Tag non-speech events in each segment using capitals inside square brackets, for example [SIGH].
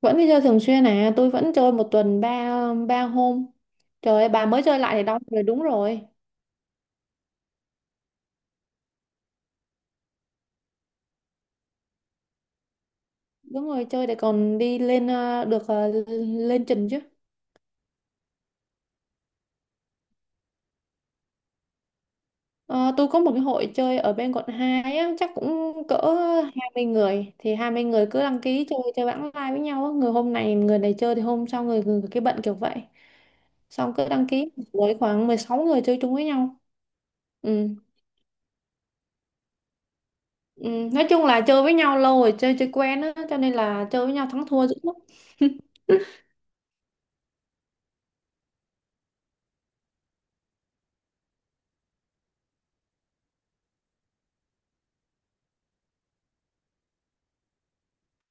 Vẫn đi chơi thường xuyên à? Tôi vẫn chơi một tuần ba ba hôm Trời ơi, bà mới chơi lại thì đau người, đúng rồi. Đúng rồi, chơi để còn đi lên được lên trình chứ. Ờ, tôi có một cái hội chơi ở bên quận 2 á, chắc cũng cỡ 20 người, thì 20 người cứ đăng ký chơi chơi bảng live với nhau á. Người hôm này người này chơi thì hôm sau người cái bận kiểu vậy. Xong cứ đăng ký với khoảng 16 người chơi chung với nhau. Ừ. Ừ, nói chung là chơi với nhau lâu rồi, chơi chơi quen á, cho nên là chơi với nhau thắng thua dữ lắm. [LAUGHS]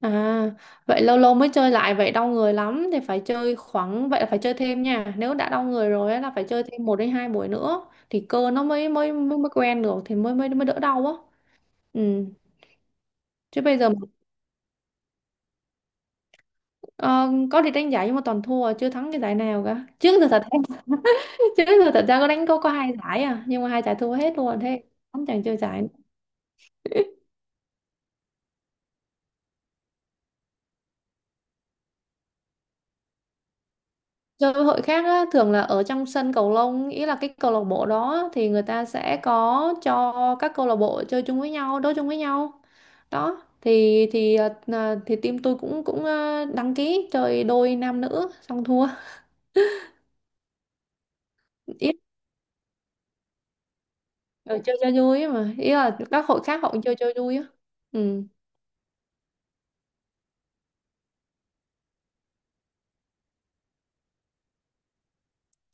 À, vậy lâu lâu mới chơi lại vậy đau người lắm, thì phải chơi khoảng vậy, là phải chơi thêm nha, nếu đã đau người rồi á là phải chơi thêm một đến hai buổi nữa thì cơ nó mới quen được, thì mới mới mới đỡ đau á. Ừ. Chứ bây giờ ờ, có đi đánh giải nhưng mà toàn thua, chưa thắng cái giải nào cả trước giờ thật em. [LAUGHS] Trước giờ thật ra có đánh có hai giải à, nhưng mà hai giải thua hết luôn thế. Không, chẳng chơi giải. Chơi hội khác á, thường là ở trong sân cầu lông, ý là cái câu lạc bộ đó thì người ta sẽ có cho các câu lạc bộ chơi chung với nhau, đấu chung với nhau. Đó, thì team tôi cũng cũng ờ, đăng ký chơi đôi nam nữ xong thua. Ý là chơi cho vui ấy mà, ý là các hội khác họ cũng chơi chơi vui á. Ừ,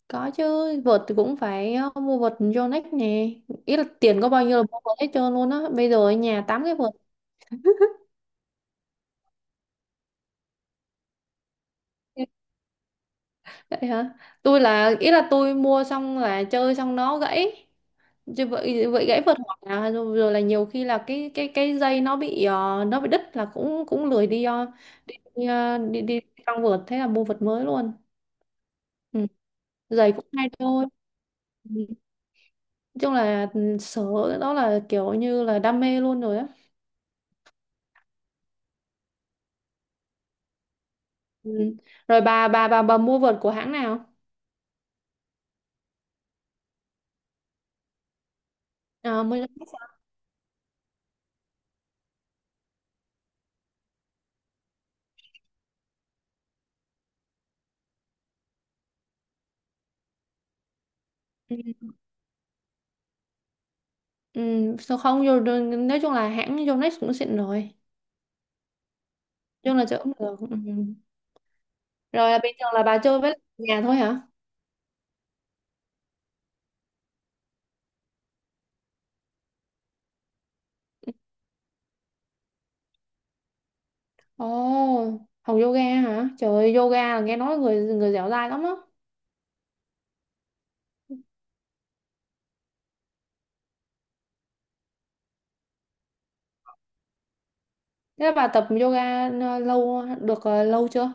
có chứ. Vợt thì cũng phải mua vợt Yonex nè. Ý là tiền có bao nhiêu là mua vợt hết trơn luôn á, bây giờ ở nhà tám cái vợt. Vậy hả? Tôi là ý là tôi mua xong là chơi xong nó gãy. Chứ vậy vậy gãy vượt, hoặc là rồi là nhiều khi là cái dây nó bị nó bị đứt là cũng cũng lười đi ờ, đi, đi, ờ, đi đi trong vợt, thế là mua vượt mới luôn. Ừ. Giày cũng hay thôi. Ừ. Nói chung là sở đó là kiểu như là đam mê luôn rồi á. Ừ. Rồi bà mua vợt của hãng nào? À, mới- Ừ. Ừ. Sao không? Rồi- Nói chung là hãng Yonex cũng xịn rồi. Chung là chơi cũng được. Ừ. Rồi là bình thường là bà chơi với nhà thôi hả? Ồ, học yoga hả? Trời ơi, yoga là nghe nói người người dẻo dai lắm á. Thế bà tập yoga lâu chưa?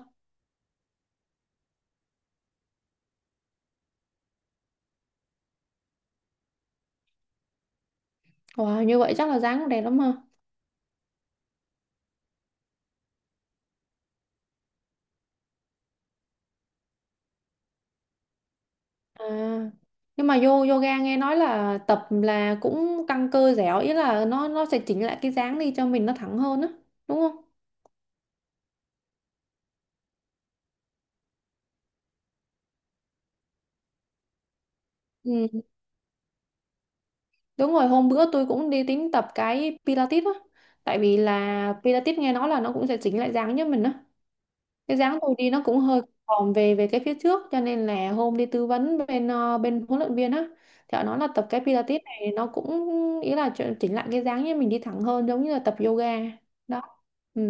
Wow, như vậy chắc là dáng cũng đẹp lắm ha. À, nhưng mà yoga nghe nói là tập là cũng căng cơ dẻo, ý là nó sẽ chỉnh lại cái dáng đi cho mình nó thẳng hơn á, đúng không? Ừ, đúng rồi, hôm bữa tôi cũng đi tính tập cái Pilates á, tại vì là Pilates nghe nói là nó cũng sẽ chỉnh lại dáng cho mình á. Cái dáng tôi đi nó cũng hơi còm về về cái phía trước, cho nên là hôm đi tư vấn bên bên huấn luyện viên á, thì họ nói là tập cái Pilates này nó cũng, ý là chỉnh lại cái dáng như mình đi thẳng hơn, giống như là tập yoga. Đó. Ừ.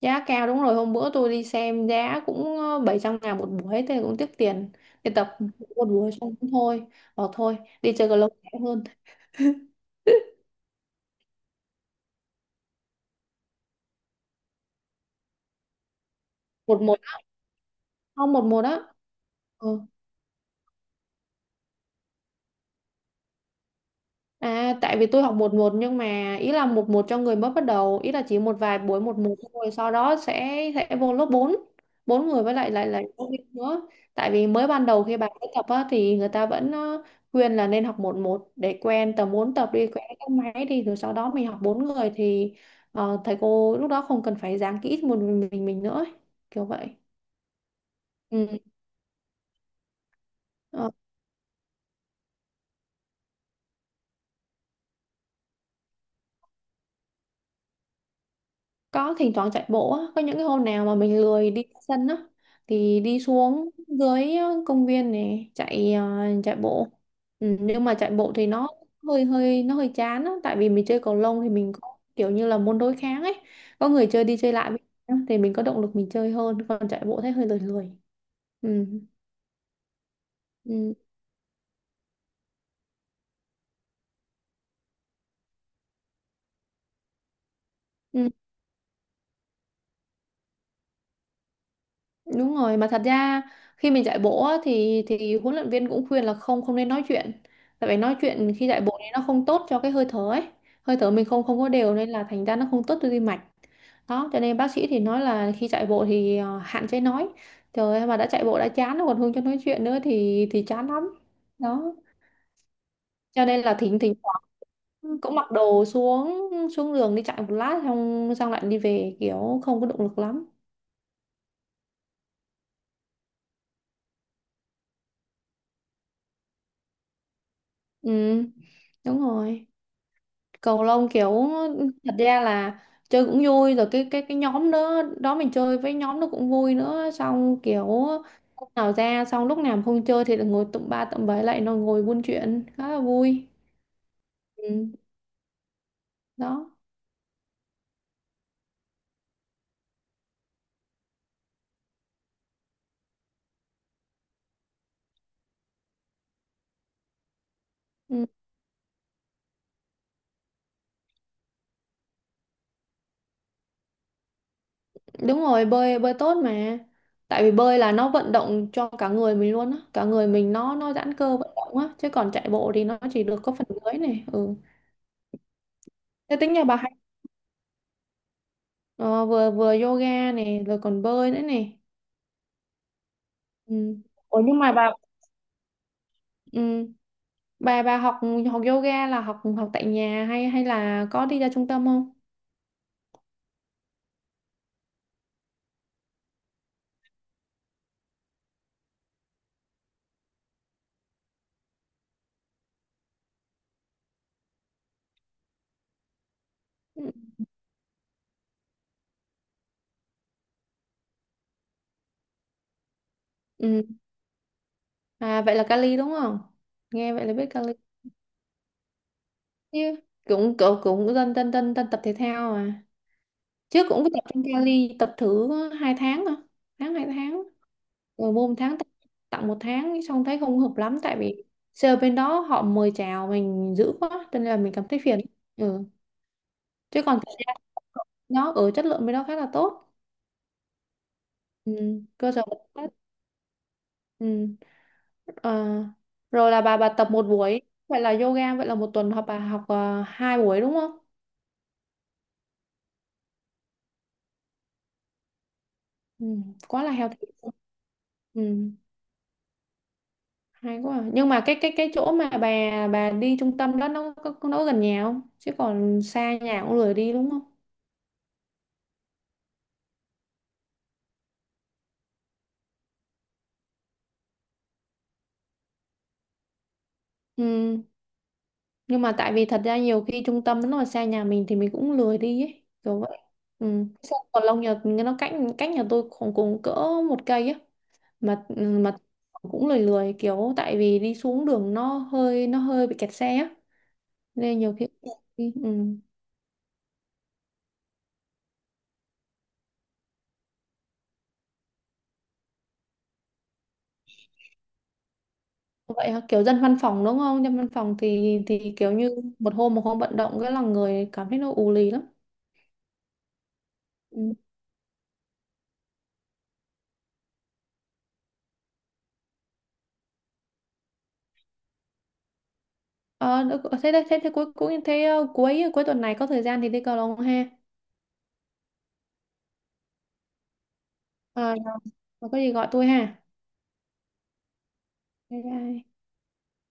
Giá cao, đúng rồi, hôm bữa tôi đi xem giá cũng 700.000 một buổi, thế cũng tiếc tiền đi tập một buổi xong cũng thôi, bỏ thôi, đi chơi cầu lông rẻ hơn. Một một á, không một một á. Ừ. À, tại vì tôi học một một nhưng mà ý là một một cho người mới bắt đầu, ý là chỉ một vài buổi một một thôi, sau đó sẽ vô lớp 4, bốn người với lại lại lại giáo viên nữa. Tại vì mới ban đầu khi bạn mới tập á, thì người ta vẫn khuyên là nên học một một để quen tầm bốn, tập đi quen các máy đi, rồi sau đó mình học bốn người thì thầy cô lúc đó không cần phải giảng kỹ một mình nữa ấy. Kiểu vậy. Ừ. Ờ. Có thỉnh thoảng chạy bộ á, có những cái hôm nào mà mình lười đi ra sân á thì đi xuống dưới công viên này chạy bộ. Ừ, nhưng mà chạy bộ thì nó hơi chán á, tại vì mình chơi cầu lông thì mình có kiểu như là môn đối kháng ấy, có người chơi đi chơi lại với nhau thì mình có động lực mình chơi hơn. Còn chạy bộ thấy hơi lười lười. Ừ. Ừ. Ừ. Đúng rồi, mà thật ra khi mình chạy bộ á, thì huấn luyện viên cũng khuyên là không không nên nói chuyện. Tại vì nói chuyện khi chạy bộ thì nó không tốt cho cái hơi thở ấy. Hơi thở mình không không có đều, nên là thành ra nó không tốt cho tim mạch. Đó, cho nên bác sĩ thì nói là khi chạy bộ thì hạn chế nói. Trời ơi, mà đã chạy bộ đã chán rồi còn không cho nói chuyện nữa thì chán lắm. Đó. Cho nên là thỉnh thỉnh thoảng cũng mặc đồ xuống xuống đường đi chạy một lát, xong xong lại đi về kiểu không có động lực lắm. Ừ, đúng rồi. Cầu lông kiểu thật ra là chơi cũng vui, rồi cái nhóm đó đó mình chơi với nhóm nó cũng vui nữa, xong kiểu lúc nào ra, xong lúc nào mà không chơi thì được ngồi tụm ba tụm bảy lại, nó ngồi buôn chuyện khá là vui. Ừ, đó. Ừ, đúng rồi, bơi bơi tốt mà. Tại vì bơi là nó vận động cho cả người mình luôn á, cả người mình nó giãn cơ vận động á, chứ còn chạy bộ thì nó chỉ được có phần dưới này. Ừ. Thế tính nhà bà hay ờ, vừa vừa yoga này rồi còn bơi nữa này? Ừ. Ủa nhưng mà bà. Ừ. Bà học học yoga là học học tại nhà hay hay là có đi ra trung tâm không? Ừ. Ừ. À, vậy là Cali đúng không? Nghe vậy là biết Cali chứ. Cũng cũng cũng dân dân dân dân tập thể thao à. Trước cũng có tập trong Cali tập thử 2 tháng mà. Tháng hai tháng. Rồi môn tháng tặng tặng một tháng xong thấy không hợp lắm, tại vì sale bên đó họ mời chào mình dữ quá cho nên là mình cảm thấy phiền. Ừ. Chứ còn thật ra nó ở chất lượng bên đó khá là tốt. Ừ. Cơ sở vật chất. Ừ. Ờ, rồi là bà tập một buổi, vậy là yoga, vậy là một tuần học, bà học 2 buổi đúng không? Ừ, quá là healthy. Ừ, hay quá à. Nhưng mà cái chỗ mà bà đi trung tâm đó nó có gần nhà không, chứ còn xa nhà cũng lười đi đúng không? Ừ, nhưng mà tại vì thật ra nhiều khi trung tâm nó mà xa nhà mình thì mình cũng lười đi ấy, kiểu vậy. Ừ. Sao còn lâu nhật nó cách cách nhà tôi khoảng cùng cỡ một cây ấy, mà cũng lười lười kiểu, tại vì đi xuống đường nó hơi bị kẹt xe á, nên nhiều khi. Ừ. Vậy hả? Kiểu dân văn phòng đúng không? Dân văn phòng thì kiểu như một hôm vận động cái là người cảm thấy nó ù lì lắm. Ừ. Ờ, được- ờ, thế đây thế thế cuối cuối thế ờ, cuối cuối tuần này có thời gian thì đi cầu lông ha. Ờ, có gì gọi tôi ha. Bye bye.